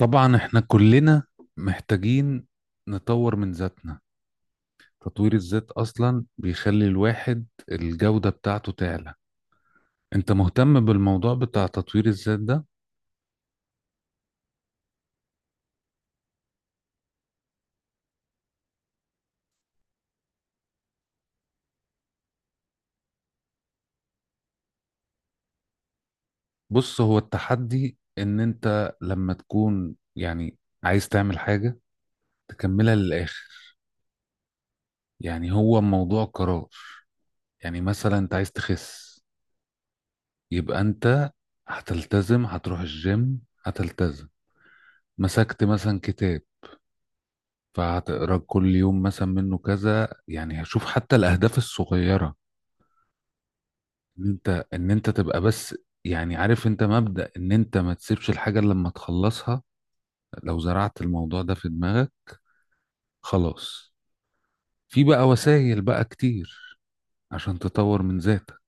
طبعا احنا كلنا محتاجين نطور من ذاتنا. تطوير الذات اصلا بيخلي الواحد الجودة بتاعته تعلى. انت مهتم بالموضوع بتاع تطوير الذات ده؟ بص، هو التحدي ان انت لما تكون يعني عايز تعمل حاجة تكملها للاخر. يعني هو موضوع قرار. يعني مثلا انت عايز تخس، يبقى انت هتلتزم، هتروح الجيم، هتلتزم. مسكت مثلا كتاب، فهتقرا كل يوم مثلا منه كذا. يعني هشوف حتى الاهداف الصغيره، ان انت تبقى بس. يعني عارف انت مبدأ ان انت ما تسيبش الحاجه إلا لما تخلصها. لو زرعت الموضوع ده في دماغك خلاص، في بقى وسائل بقى كتير عشان تطور من ذاتك.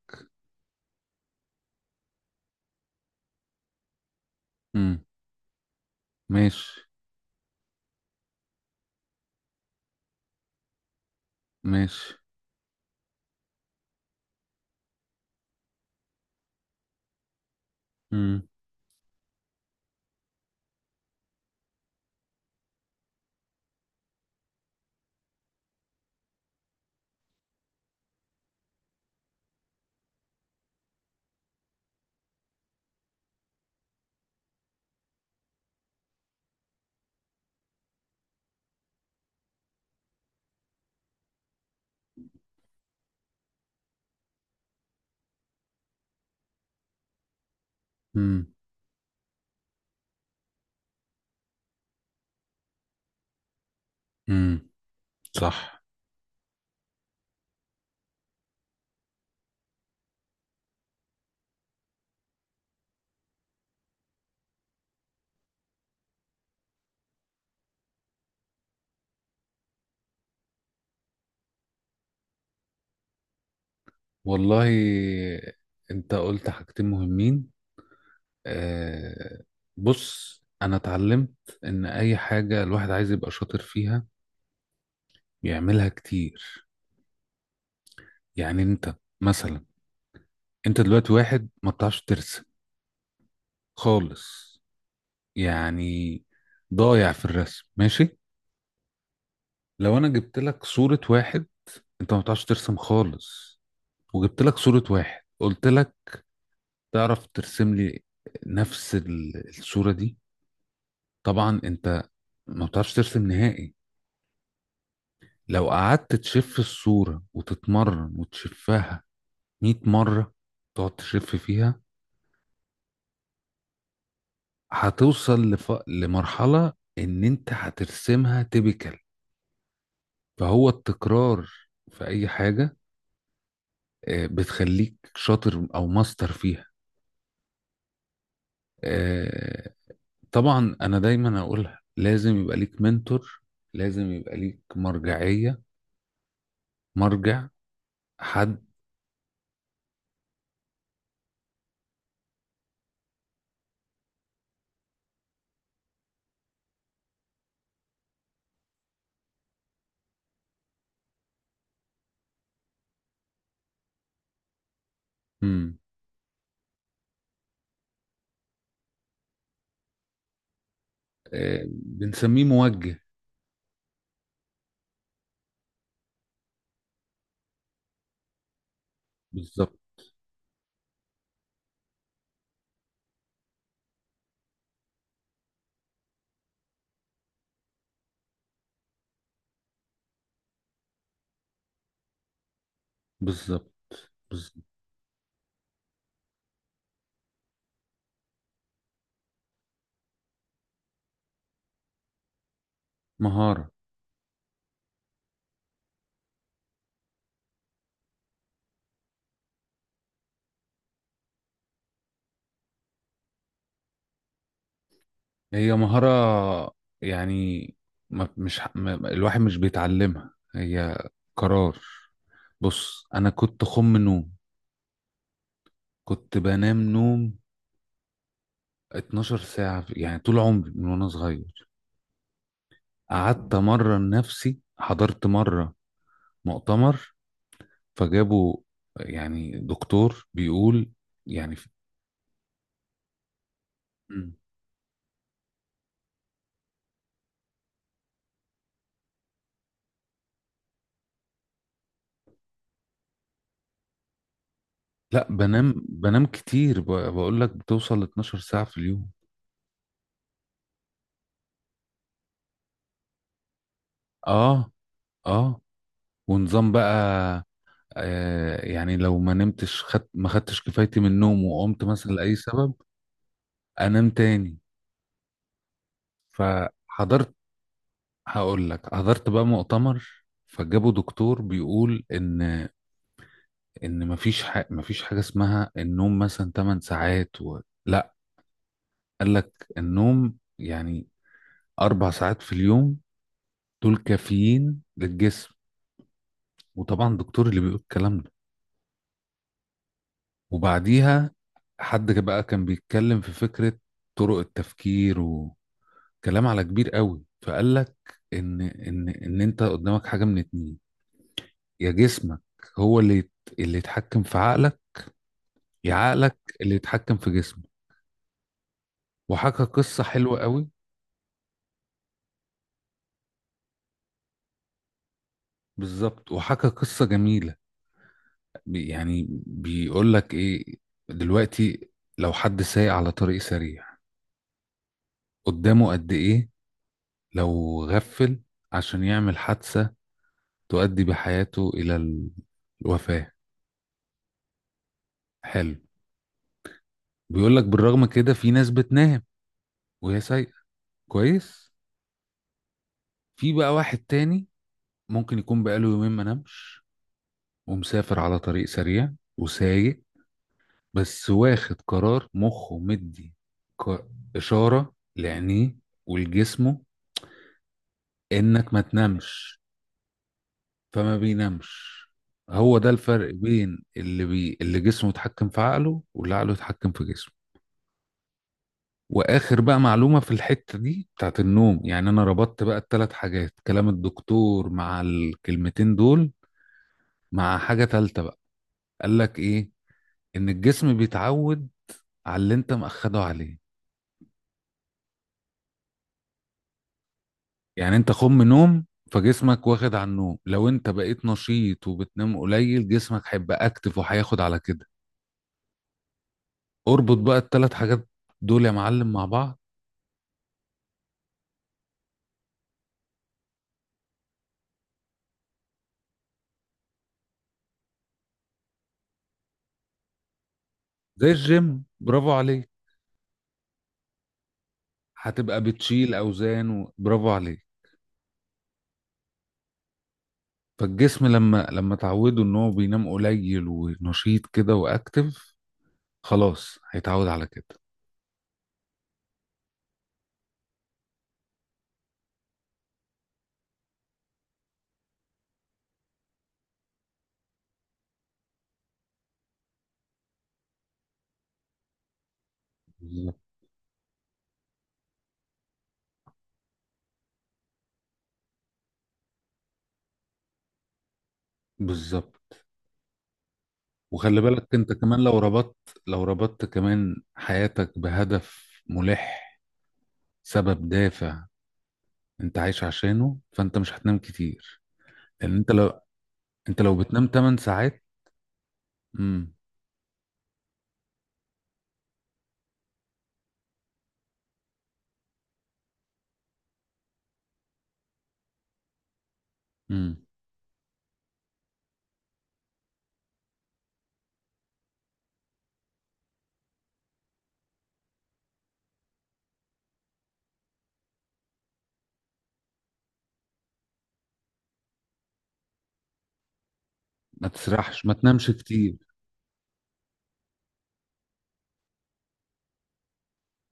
امم ماشي. ماشي. امم امم امم صح. والله، انت قلت حاجتين مهمين. آه، بص، انا اتعلمت ان اي حاجة الواحد عايز يبقى شاطر فيها بيعملها كتير. يعني انت مثلا، انت دلوقتي واحد ما بتعرفش ترسم خالص، يعني ضايع في الرسم. ماشي، لو انا جبت لك صورة واحد، انت ما بتعرفش ترسم خالص، وجبت لك صورة واحد قلت لك تعرف ترسم لي نفس الصورة دي؟ طبعا انت ما بتعرفش ترسم نهائي. لو قعدت تشف الصورة وتتمرن وتشفها 100 مرة، تقعد تشف فيها، هتوصل لمرحلة إن أنت هترسمها تيبيكال. فهو التكرار في أي حاجة بتخليك شاطر أو ماستر فيها. آه، طبعا أنا دايما أقولها، لازم يبقى ليك منتور، لازم يبقى ليك مرجعية، مرجع، حد. مم. بنسميه موجه. بالظبط، بالظبط، بالظبط. مهارة، هي مهارة، يعني ما الواحد مش بيتعلمها، هي قرار. بص، أنا كنت خم نوم، كنت بنام نوم 12 ساعة يعني طول عمري من وأنا صغير. قعدت مرة نفسي، حضرت مرة مؤتمر، فجابوا يعني دكتور بيقول يعني مم. لا، بنام كتير بقول لك بتوصل ل 12 ساعة في اليوم. اه. اه. ونظام بقى، يعني لو ما نمتش، خد ما خدتش كفايتي من النوم وقمت مثلا لأي سبب، أنام تاني. فحضرت، هقول لك، حضرت بقى مؤتمر، فجابوا دكتور بيقول إن، إن مفيش مفيش حاجة اسمها النوم مثلا 8 ساعات لا، قال لك النوم يعني أربع ساعات في اليوم دول كافيين للجسم. وطبعا الدكتور اللي بيقول الكلام ده، وبعديها حد بقى كان بيتكلم في فكرة طرق التفكير كلام على كبير قوي. فقال لك ان انت قدامك حاجه من اتنين: يا جسمك هو اللي اللي يتحكم في عقلك، يا عقلك اللي يتحكم في جسمك. وحكى قصه حلوه قوي. بالظبط، وحكى قصه جميله. يعني بيقول لك ايه، دلوقتي لو حد سايق على طريق سريع، قدامه قد ايه لو غفل عشان يعمل حادثه تؤدي بحياته الى الوفاه؟ حلو. بيقول لك بالرغم كده في ناس بتنام وهي سايقه كويس. في بقى واحد تاني ممكن يكون بقاله يومين ما نامش ومسافر على طريق سريع وسايق، بس واخد قرار مخه مدي ك- إشارة لعينيه ولجسمه إنك ما تنامش، فما بينامش. هو ده الفرق بين اللي جسمه يتحكم في عقله واللي عقله يتحكم في جسمه. واخر بقى معلومه في الحته دي بتاعت النوم، يعني انا ربطت بقى الثلاث حاجات، كلام الدكتور مع الكلمتين دول مع حاجه ثالثه. قال لك ايه؟ ان الجسم بيتعود على اللي انت مأخده عليه. يعني انت خم نوم، فجسمك واخد على النوم. لو انت بقيت نشيط وبتنام قليل، جسمك هيبقى اكتف وهياخد على كده. اربط بقى الثلاث حاجات دول يا معلم مع بعض. زي الجيم، برافو عليك، هتبقى بتشيل اوزان برافو عليك. فالجسم لما تعوده ان هو بينام قليل ونشيط كده واكتف، خلاص هيتعود على كده. بالظبط، بالظبط. وخلي بالك انت كمان لو ربطت، لو ربطت كمان حياتك بهدف ملح، سبب دافع انت عايش عشانه، فانت مش هتنام كتير. لان انت لو، انت لو بتنام 8 ساعات. امم امم ما تسرحش، ما تنامش كتير.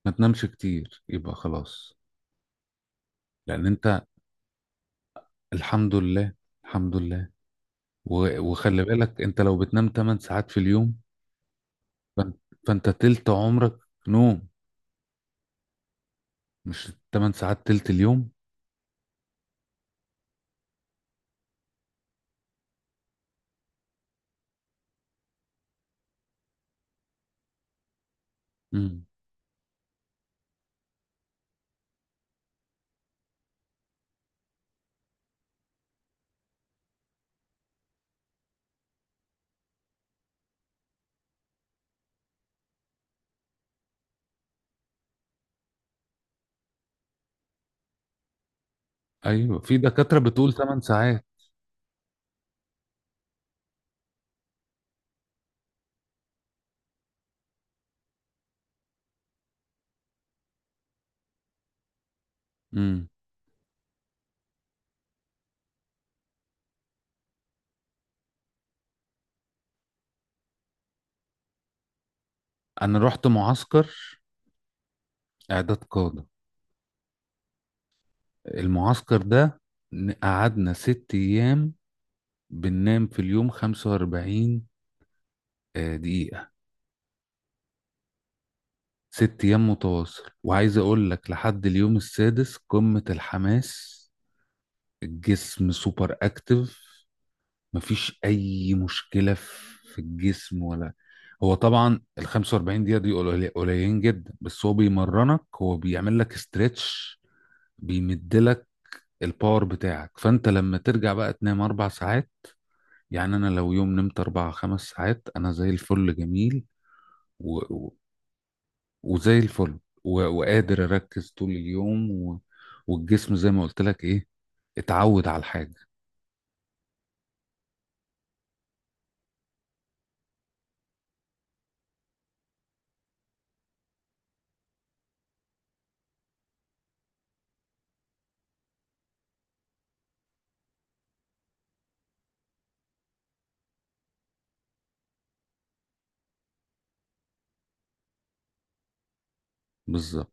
ما تنامش كتير، يبقى خلاص. لان انت، الحمد لله، الحمد لله. وخلي بالك انت لو بتنام 8 ساعات في اليوم، فانت فانت تلت عمرك نوم، مش 8 ساعات، تلت اليوم. امم ايوه، في دكاترة بتقول 8 ساعات. امم انا رحت معسكر اعداد قادة. المعسكر ده قعدنا ست ايام بننام في اليوم 45 دقيقة. ست ايام متواصل، وعايز اقول لك لحد اليوم السادس قمة الحماس. الجسم سوبر اكتف، مفيش اي مشكلة في الجسم ولا. هو طبعا ال 45 دقيقة دي قليلين جدا، بس هو بيمرنك، هو بيعمل لك استريتش، بيمدلك الباور بتاعك. فانت لما ترجع بقى تنام اربع ساعات. يعني انا لو يوم نمت اربع خمس ساعات، انا زي الفل جميل و... و... وزي الفل وقادر اركز طول اليوم والجسم زي ما قلت لك ايه، اتعود على الحاجة. بالظبط.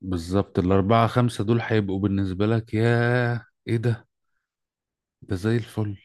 بالظبط، الاربعة خمسة دول هيبقوا بالنسبة لك ياه ايه ده؟ ده زي الفل.